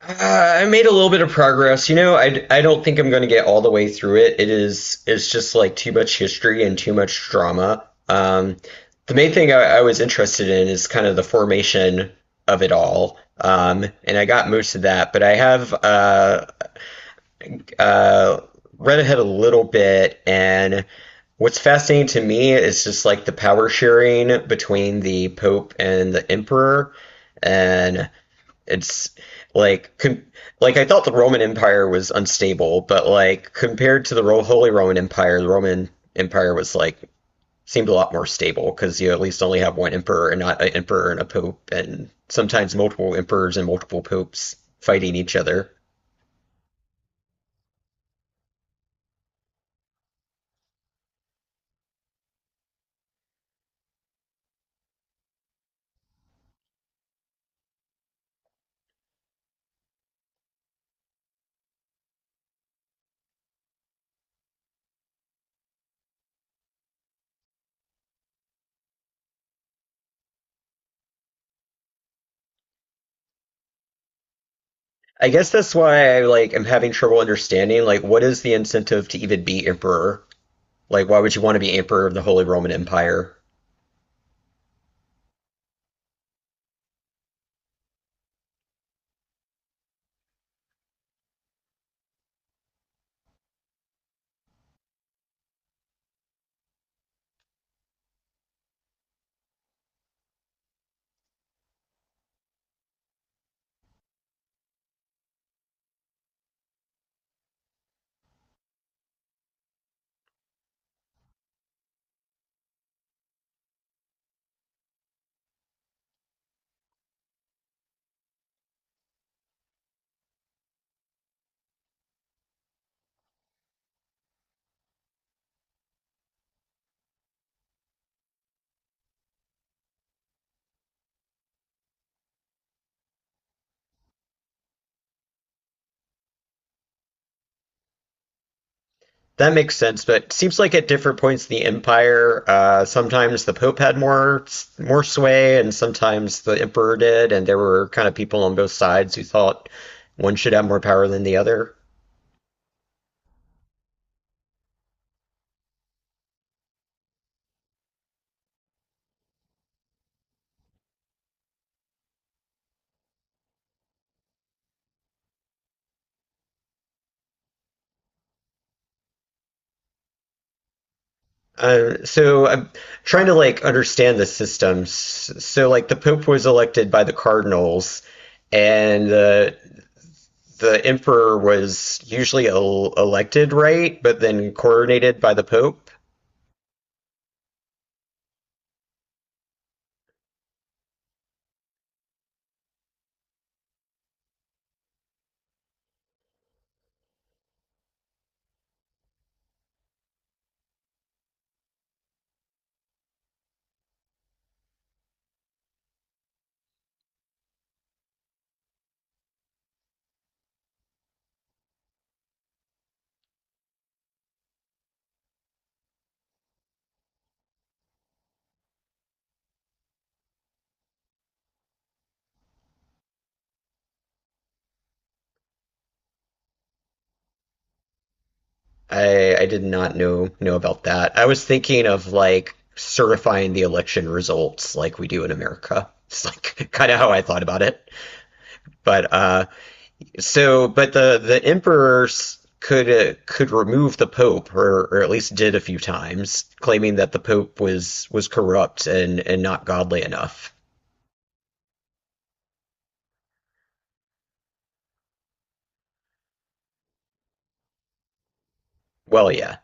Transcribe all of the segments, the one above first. I made a little bit of progress. You know, I don't think I'm going to get all the way through it. It is it's just like too much history and too much drama. The main thing I was interested in is kind of the formation of it all. And I got most of that, but I have uh, read ahead a little bit, and what's fascinating to me is just like the power sharing between the Pope and the Emperor, and it's like com like I thought the Roman Empire was unstable, but like compared to the Ro Holy Roman Empire, the Roman Empire was seemed a lot more stable because you at least only have one emperor and not an emperor and a pope, and sometimes multiple emperors and multiple popes fighting each other. I guess that's why I like am having trouble understanding like what is the incentive to even be emperor? Like why would you want to be emperor of the Holy Roman Empire? That makes sense, but seems like at different points in the empire, sometimes the Pope had more sway, and sometimes the Emperor did, and there were kind of people on both sides who thought one should have more power than the other. So I'm trying to like understand the systems. So like the Pope was elected by the cardinals, and the Emperor was usually el elected, right? But then coronated by the Pope. I did not know about that. I was thinking of like certifying the election results like we do in America. It's like kind of how I thought about it. But so but the emperors could remove the pope or at least did a few times, claiming that the pope was corrupt and not godly enough. Well, yeah.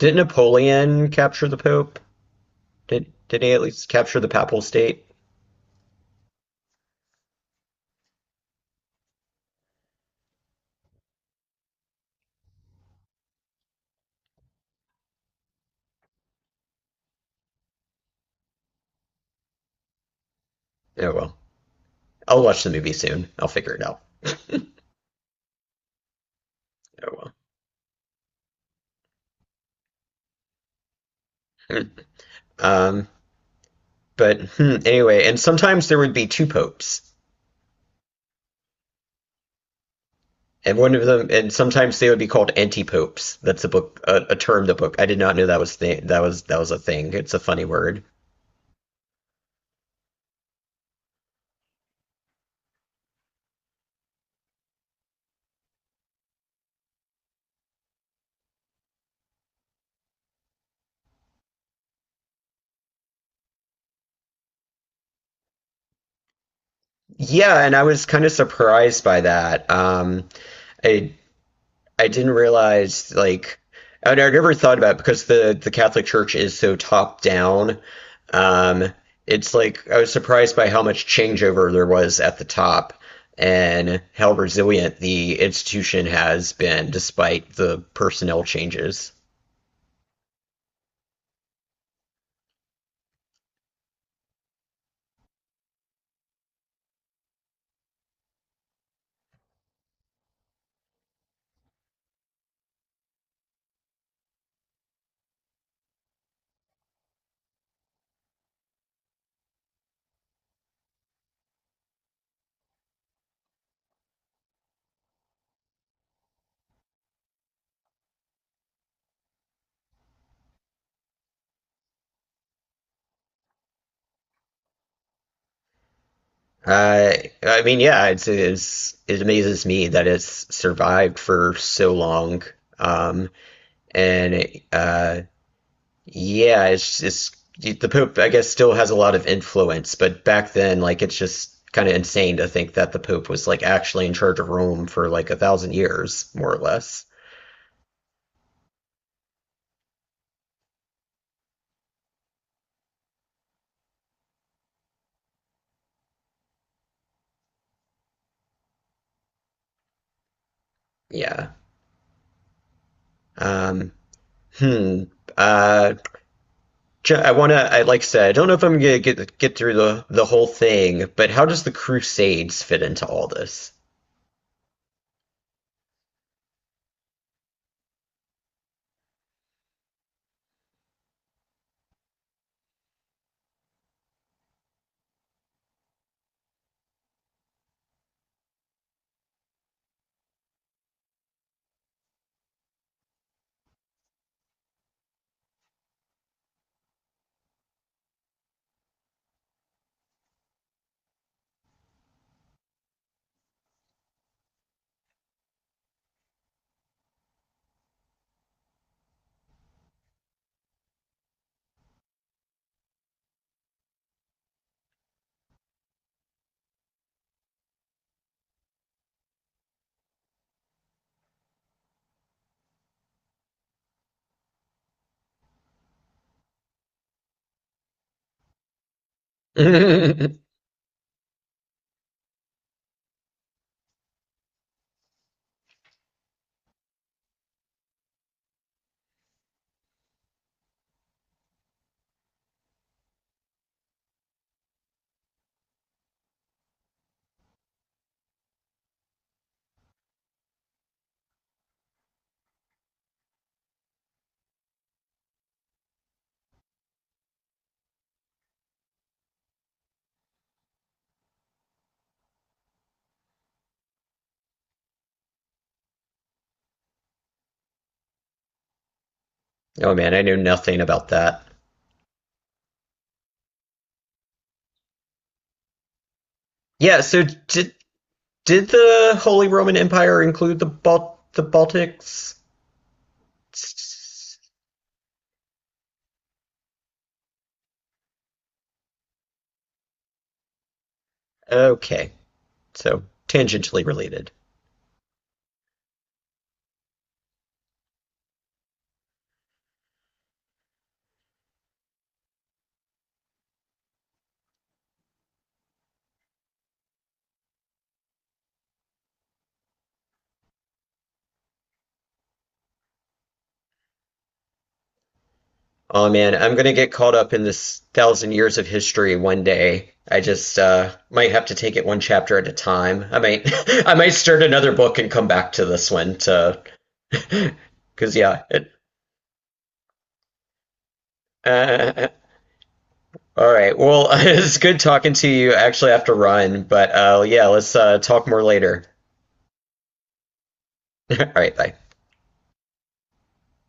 Did Napoleon capture the pope? Did he at least capture the papal state? Oh well. I'll watch the movie soon. I'll figure it out. Oh well. Um, but hmm, anyway, and sometimes there would be two popes, and one of them, and sometimes they would be called anti-popes. That's a book, a term. The book I did not know that was that was a thing. It's a funny word. Yeah, and I was kind of surprised by that. I I didn't realize and I never thought about it because the Catholic Church is so top down. Um, it's like I was surprised by how much changeover there was at the top and how resilient the institution has been despite the personnel changes. Uh, I mean, yeah, it's it amazes me that it's survived for so long. Um, and Yeah, it's the Pope, I guess, still has a lot of influence, but back then, like, it's just kind of insane to think that the Pope was like actually in charge of Rome for like 1,000 years, more or less. Yeah. Um, hmm. Uh, I wanna, I like I said, I don't know if I'm gonna get through the whole thing, but how does the Crusades fit into all this? Oh man, I knew nothing about that. Yeah, so did the Holy Roman Empire include the Bal the Baltics? Okay, so tangentially related. Oh man, I'm gonna get caught up in this 1,000 years of history one day. I just might have to take it one chapter at a time. I might, I might start another book and come back to this one to, because uh, all right. Well, it's good talking to you. I actually have to run, but yeah, let's talk more later. All right, bye.